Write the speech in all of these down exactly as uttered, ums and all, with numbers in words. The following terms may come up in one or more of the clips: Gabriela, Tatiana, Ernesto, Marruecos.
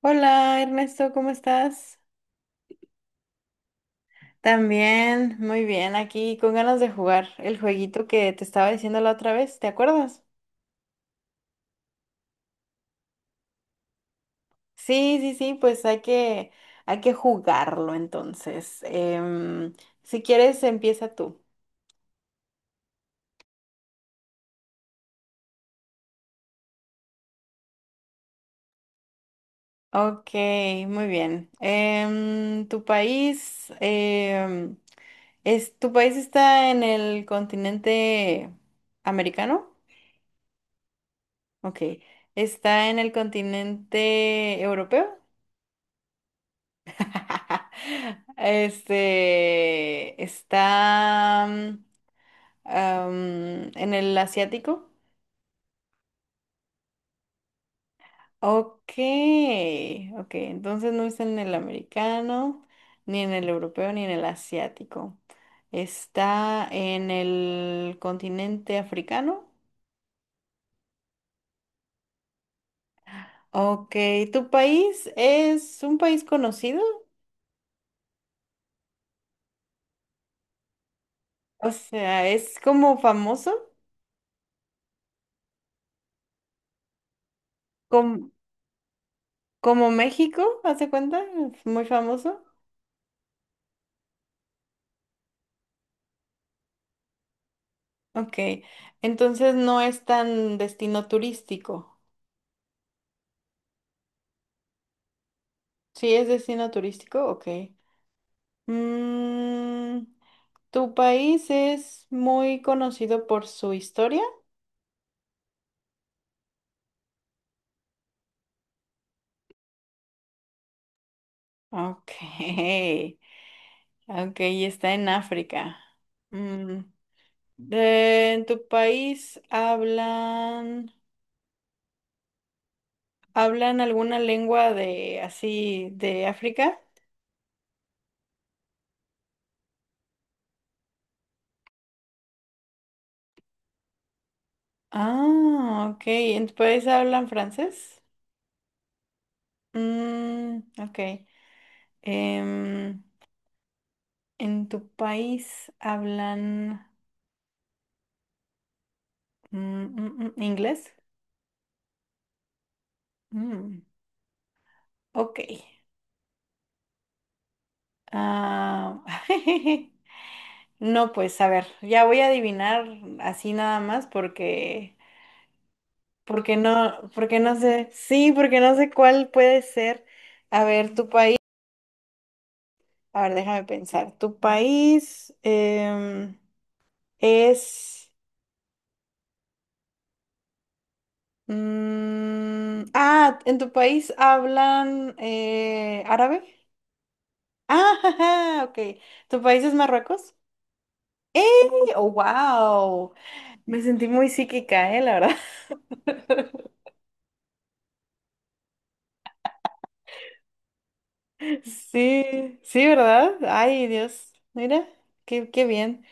Hola Ernesto, ¿cómo estás? También, muy bien, aquí con ganas de jugar el jueguito que te estaba diciendo la otra vez, ¿te acuerdas? Sí, sí, sí, pues hay que, hay que jugarlo entonces. Em, si quieres, empieza tú. Ok, muy bien. Em, ¿tu país, em, es, tu país está en el continente americano? Ok, ¿está en el continente europeo? Este está mm, am, en el asiático. Ok, ok, entonces no está en el americano, ni en el europeo, ni en el asiático. Está en el continente africano. Ok, ¿tu país es un país conocido? O sea, ¿es como famoso? ¿Como, como México? ¿Hace cuenta? ¿Es muy famoso? Ok, entonces no es tan destino turístico. Sí, es destino turístico, ok. Mm, ¿tu país es muy conocido por su historia? Ok, ok, y está en África. Mm, de- ¿en tu país hablan, hablan alguna lengua de así de África? Ah, ok, ¿en tu país hablan francés? Mm, ok. Em, ¿En tu país hablan mm, mm, mm, inglés? Mm, ok. Ah, no, pues a ver, ya voy a adivinar así nada más porque, porque no, porque no sé, sí, porque no sé cuál puede ser. A ver, tu país, a ver, déjame pensar. ¿Tu país em, es... mm, ah, ¿en tu país hablan eh, árabe? Ah, ok. ¿Tu país es Marruecos? ¡Eh! ¡Oh, wow! Me sentí muy psíquica, ¿eh? La verdad. Sí, sí, ¿verdad? Ay, Dios. Mira, qué, qué bien.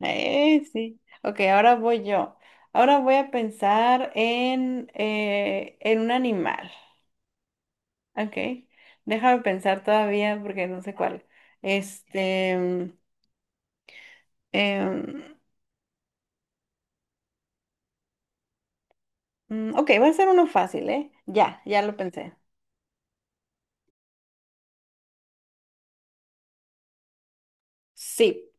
Eh, sí. Ok, ahora voy yo. Ahora voy a pensar en, eh, en un animal. Ok. Déjame pensar todavía porque no sé cuál. Este. mm, em, mm, ok, va a ser uno fácil, ¿eh? Ya, ya lo pensé. Sí.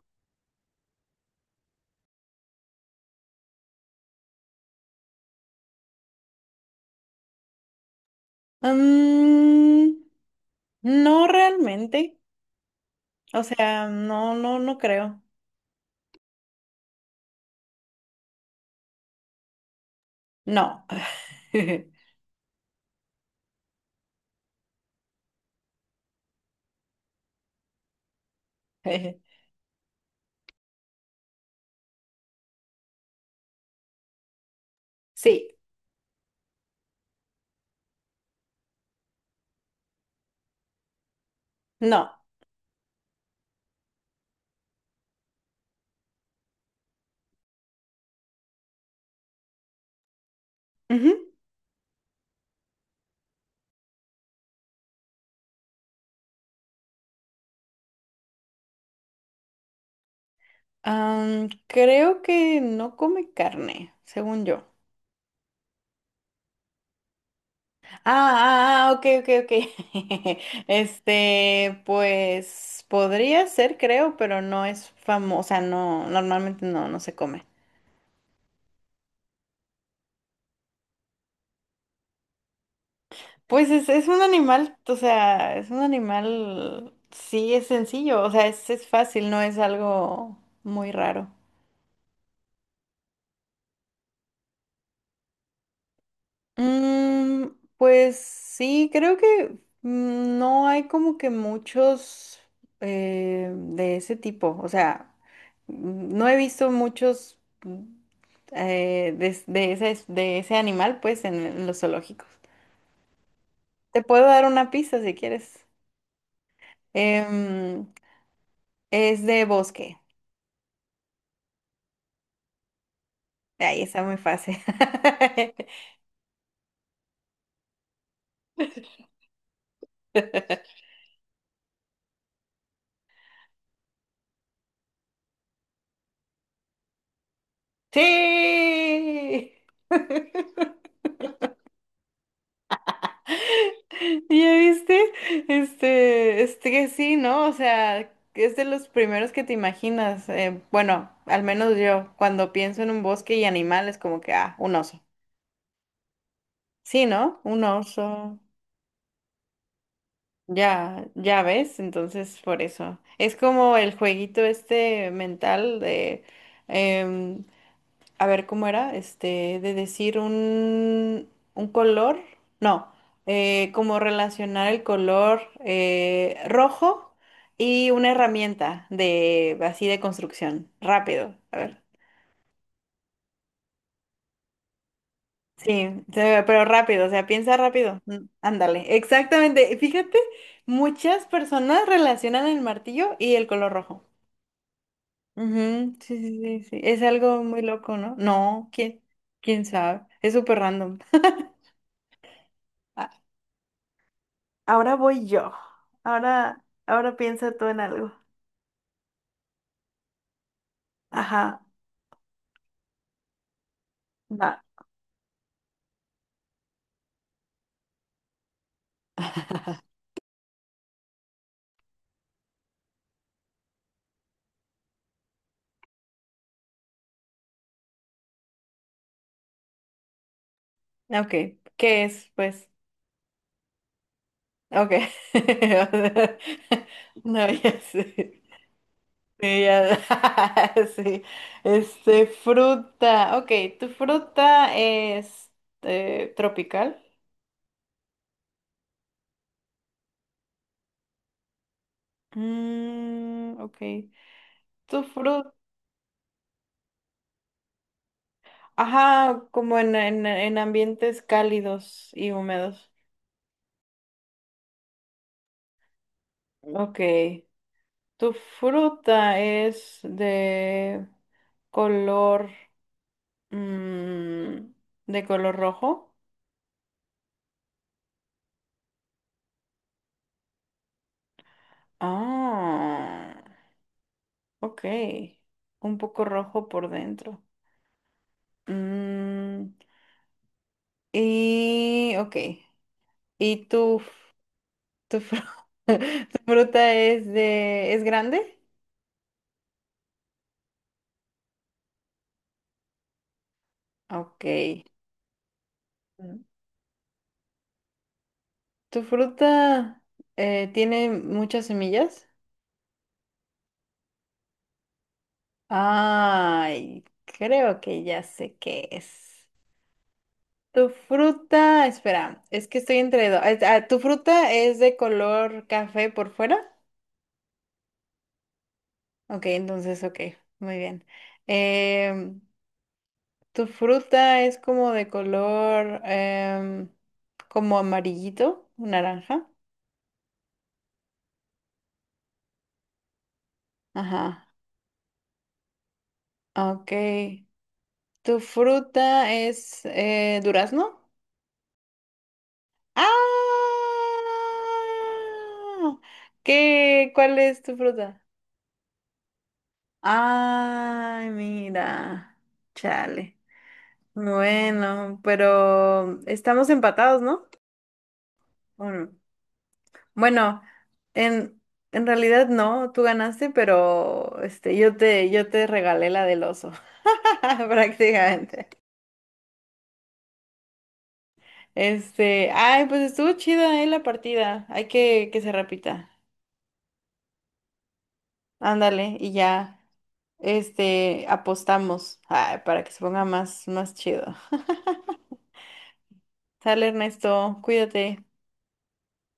Mm, no realmente. O sea, no, no, no creo. No. Sí, no. Ujú. Am, creo que no come carne, según yo. Ah, ah, ah, ok, ok, ok. Este, pues podría ser, creo, pero no es famosa, no, normalmente no, no se come. Pues es, es un animal, o sea, es un animal, sí, es sencillo, o sea, es, es fácil, no es algo muy raro. Mm, pues sí, creo que mm, no hay como que muchos eh, de ese tipo, o sea, mm, no he visto muchos mm, eh, de, de ese, de ese animal, pues, en, en los zoológicos. Te puedo dar una pista si quieres. Em, es de bosque. Ahí está muy fácil. Sí. ¿Ya viste? Este, este que sí, ¿no? O sea, es de los primeros que te imaginas. Eh, bueno, al menos yo, cuando pienso en un bosque y animales, como que, ah, un oso. Sí, ¿no? Un oso. Ya, ya ves, entonces por eso. Es como el jueguito este mental de, em, a ver, ¿cómo era? Este, de decir un, un color, no, eh, como relacionar el color eh, rojo y una herramienta de, así de construcción, rápido, a ver. Sí, se pero rápido, o sea, piensa rápido. Mm, Ándale, exactamente. Fíjate, muchas personas relacionan el martillo y el color rojo. Ujú, sí, sí, sí, sí. Es algo muy loco, ¿no? No, ¿quién, ¿quién sabe? Es súper random. Ahora voy yo. Ahora, ahora piensa tú en algo. Ajá, va. Ok, ¿qué es? Pues, ok. No, ya sé. Sí, ya- sí. Este, fruta. Ok, ¿tu fruta es eh, tropical? Mm, ok. ¿Tu fruta? Ajá, como en, en, en ambientes cálidos y húmedos. Ok. ¿Tu fruta es de color, mm, de color rojo? Ah, ok. Un poco rojo por dentro. Mm, y, ok. ¿Y tu, tu, fru- ¿Tu fruta es de, es grande? Ok. Mm. ¿Tu fruta eh, tiene muchas semillas? Ay, creo que ya sé qué es. Tu fruta, espera, es que estoy entre dos. es- ah, ¿tu fruta es de color café por fuera? Ok, entonces, ok, muy bien. Em, ¿Tu fruta es como de color em, como amarillito, naranja? Ajá, ok. ¿Tu fruta es eh, durazno? ¡Ah! ¿Qué? ¿Cuál es tu fruta? Ay, mira, chale. Bueno, pero estamos empatados, ¿no? ¿O no? Bueno, en, en realidad no, tú ganaste, pero este, yo te, yo te regalé la del oso, prácticamente. Este, ay, pues estuvo chida, eh, la partida. Hay que que se repita. Ándale, y ya, este, apostamos, ay, para que se ponga más, más chido. Sale, Ernesto, cuídate.